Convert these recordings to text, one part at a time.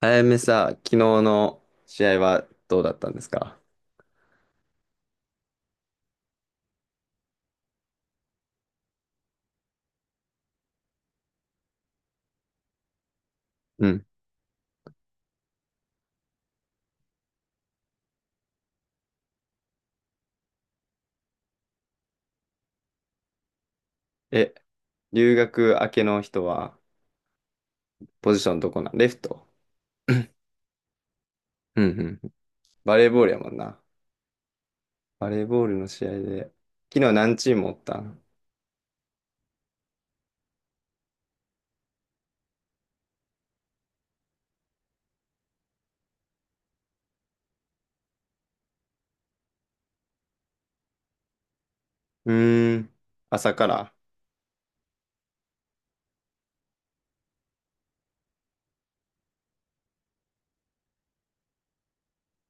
あやめさ、昨日の試合はどうだったんですか？うん。え、留学明けの人は、ポジションどこなん？レフト。うんうんうん。バレーボールやもんな。バレーボールの試合で。昨日何チームおったん？うーん。朝から？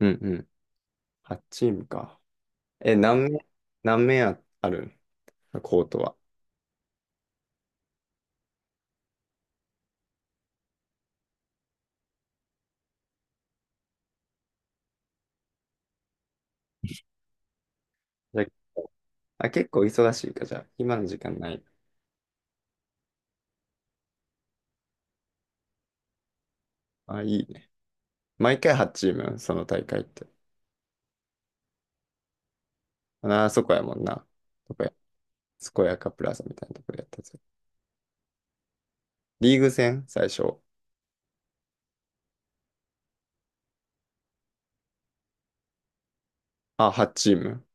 うんうん。8チームか。え、何面、あるん？コートは。じゃあ、結構忙しいか、じゃあ。今の時間ない。あ、いいね。毎回8チームその大会って。あ、そこやもんな。健やかプラザみたいなところでやったやつ。リーグ戦最初。あ、8チーム。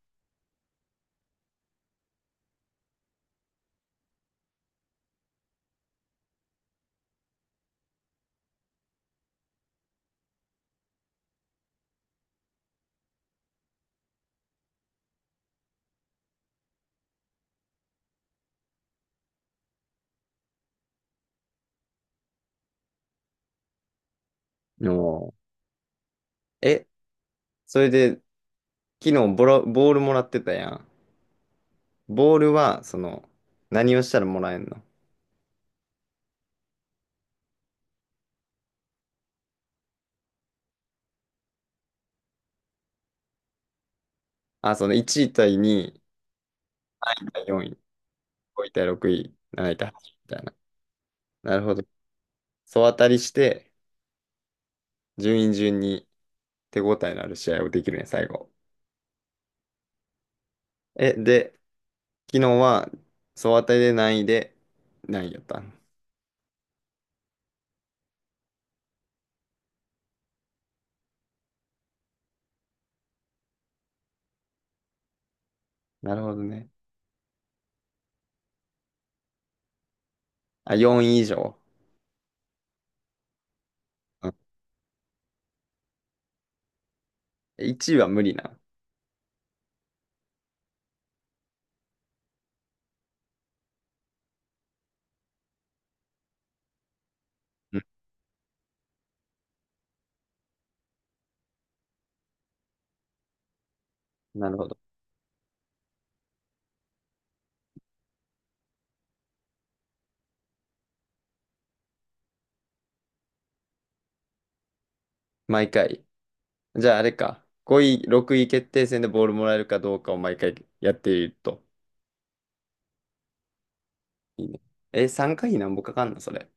おー。え、それで、昨日ボールもらってたやん。ボールは、その、何をしたらもらえんの？その1位対2位、4位、5位対6位、7位対8位みたいな。なるほど。総当たりして、順位順に手応えのある試合をできるね、最後。え、で、昨日は、総当たりで何位で、何位やったの？なるほどね。あ、4位以上。うん。1位は無理な？うん。なるほど。毎回。じゃああれか。5位、6位決定戦でボールもらえるかどうかを毎回やっていると。いいね。え、3回なんぼかかんのそれ？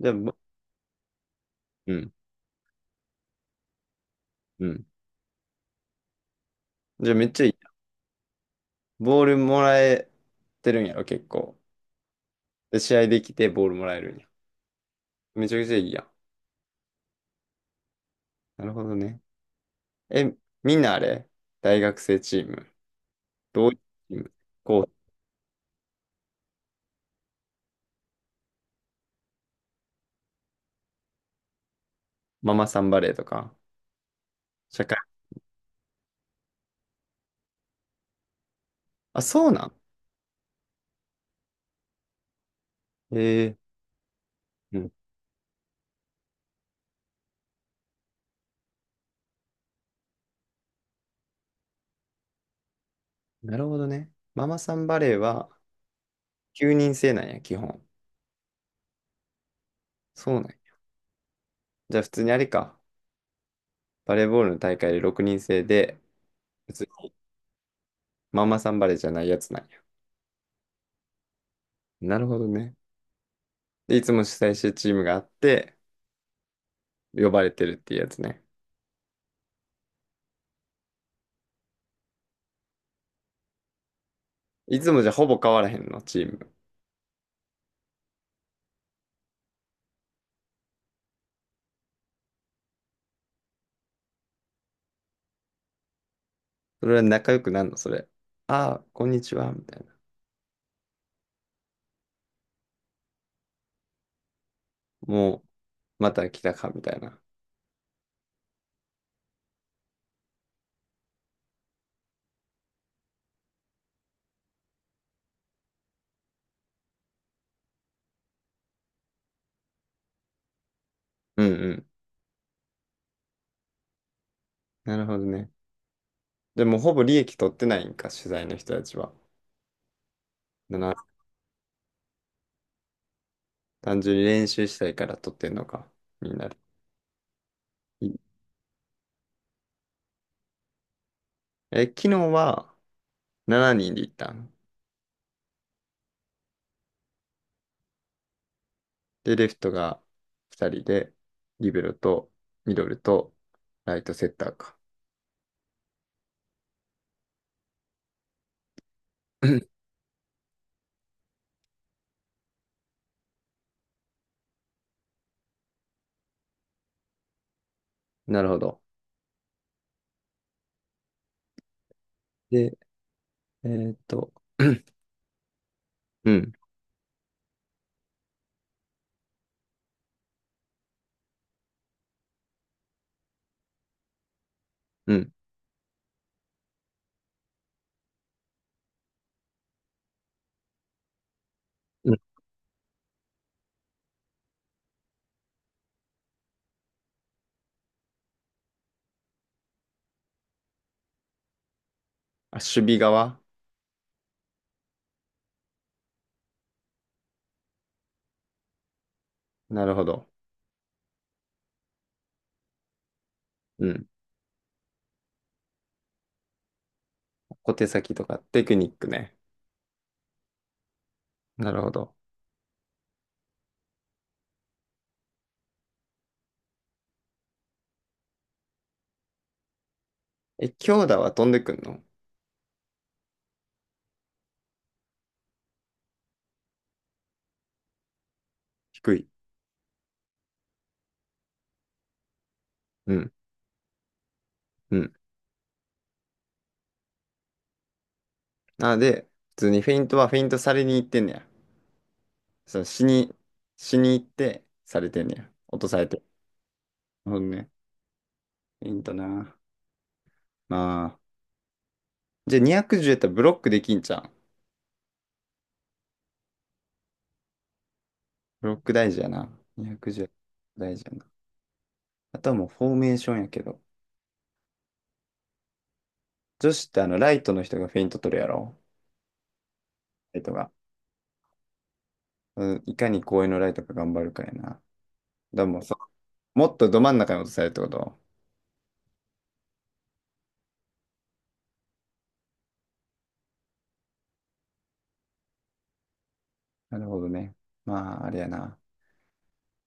じゃあ、うん。うん。じゃあめっちゃいいな。ボールもらえてるんやろ、結構。で、試合できてボールもらえるんや。めちゃくちゃいいやん。なるほどね。え、みんなあれ大学生チーム？どういうチーム？こう、ママさんバレーとか、社会。あ、そうなん？ええ。うん。なるほどね。ママさんバレーは9人制なんや、基本。そうなんや。じゃあ普通にあれか。バレーボールの大会で6人制で、普通にママさんバレーじゃないやつなんや。なるほどね。で、いつも主催してるチームがあって、呼ばれてるっていうやつね。いつもじゃあほぼ変わらへんの、チーム。それは仲良くなんの、それ？ああ、こんにちは、みたいな。もう、また来たか、みたいな。うんうん。なるほどね。でもほぼ利益取ってないんか、取材の人たちは。な単純に練習したいから取ってんのか？みんなで。いいえ、昨日は7人で行ったん。で、レフトが2人で、リベロとミドルとライトセッターか？なるほど。で、えーっと、うん、うん、うん。あ、守備側？なるほど。うん。小手先とかテクニックね。なるほど。え、強打は飛んでくんの？低い。うん、うん。なので、普通にフェイントはフェイントされに行ってんねや。そう、死に行ってされてんねや。落とされて。なるほどね。いいんだな。まあ。じゃあ210やったらブロックできんじゃん。ブロック大事やな。210大事やな。あとはもうフォーメーションやけど。女子ってライトの人がフェイント取るやろ？ライトが。うん、いかに公園のライトが頑張るかやな。でもそう、もっとど真ん中に落とされるってこと？なるほどね。まあ、あれやな。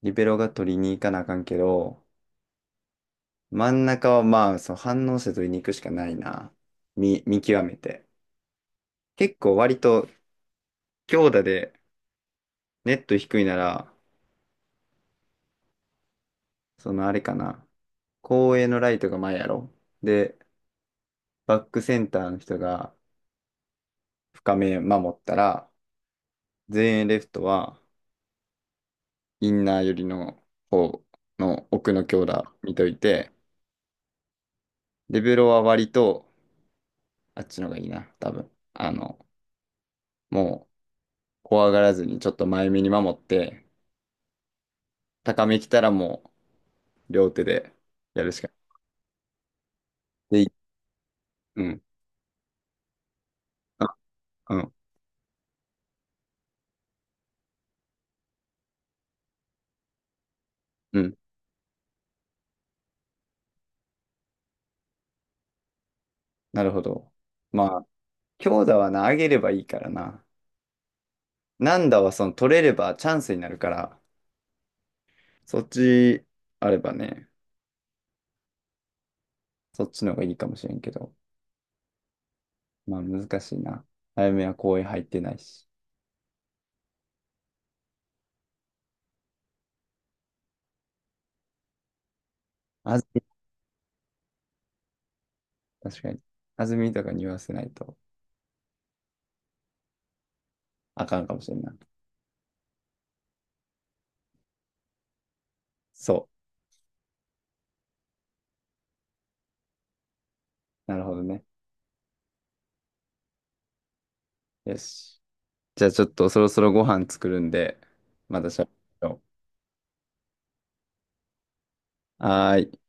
リベロが取りに行かなあかんけど、真ん中はまあ、その反応性とに行くしかないな。見極めて。結構割と強打でネット低いなら、そのあれかな。後衛のライトが前やろ。で、バックセンターの人が深め守ったら、前衛レフトはインナー寄りの方の奥の強打見といて、デベロは割とあっちの方がいいな、多分。もう怖がらずにちょっと前目に守って、高め来たらもう、両手でやるしかない。で、うん。あ、うん。うん。なるほど。まあ、強打はな、上げればいいからな。軟打はその取れればチャンスになるから、そっちあればね、そっちの方がいいかもしれんけど。まあ、難しいな。早めは公園入ってないし。あずみ、確かに。あずみとかに言わせないとあかんかもしれんな。そう。なるほどね。よし。じゃあちょっとそろそろご飯作るんで、またしゃべろう。はーい。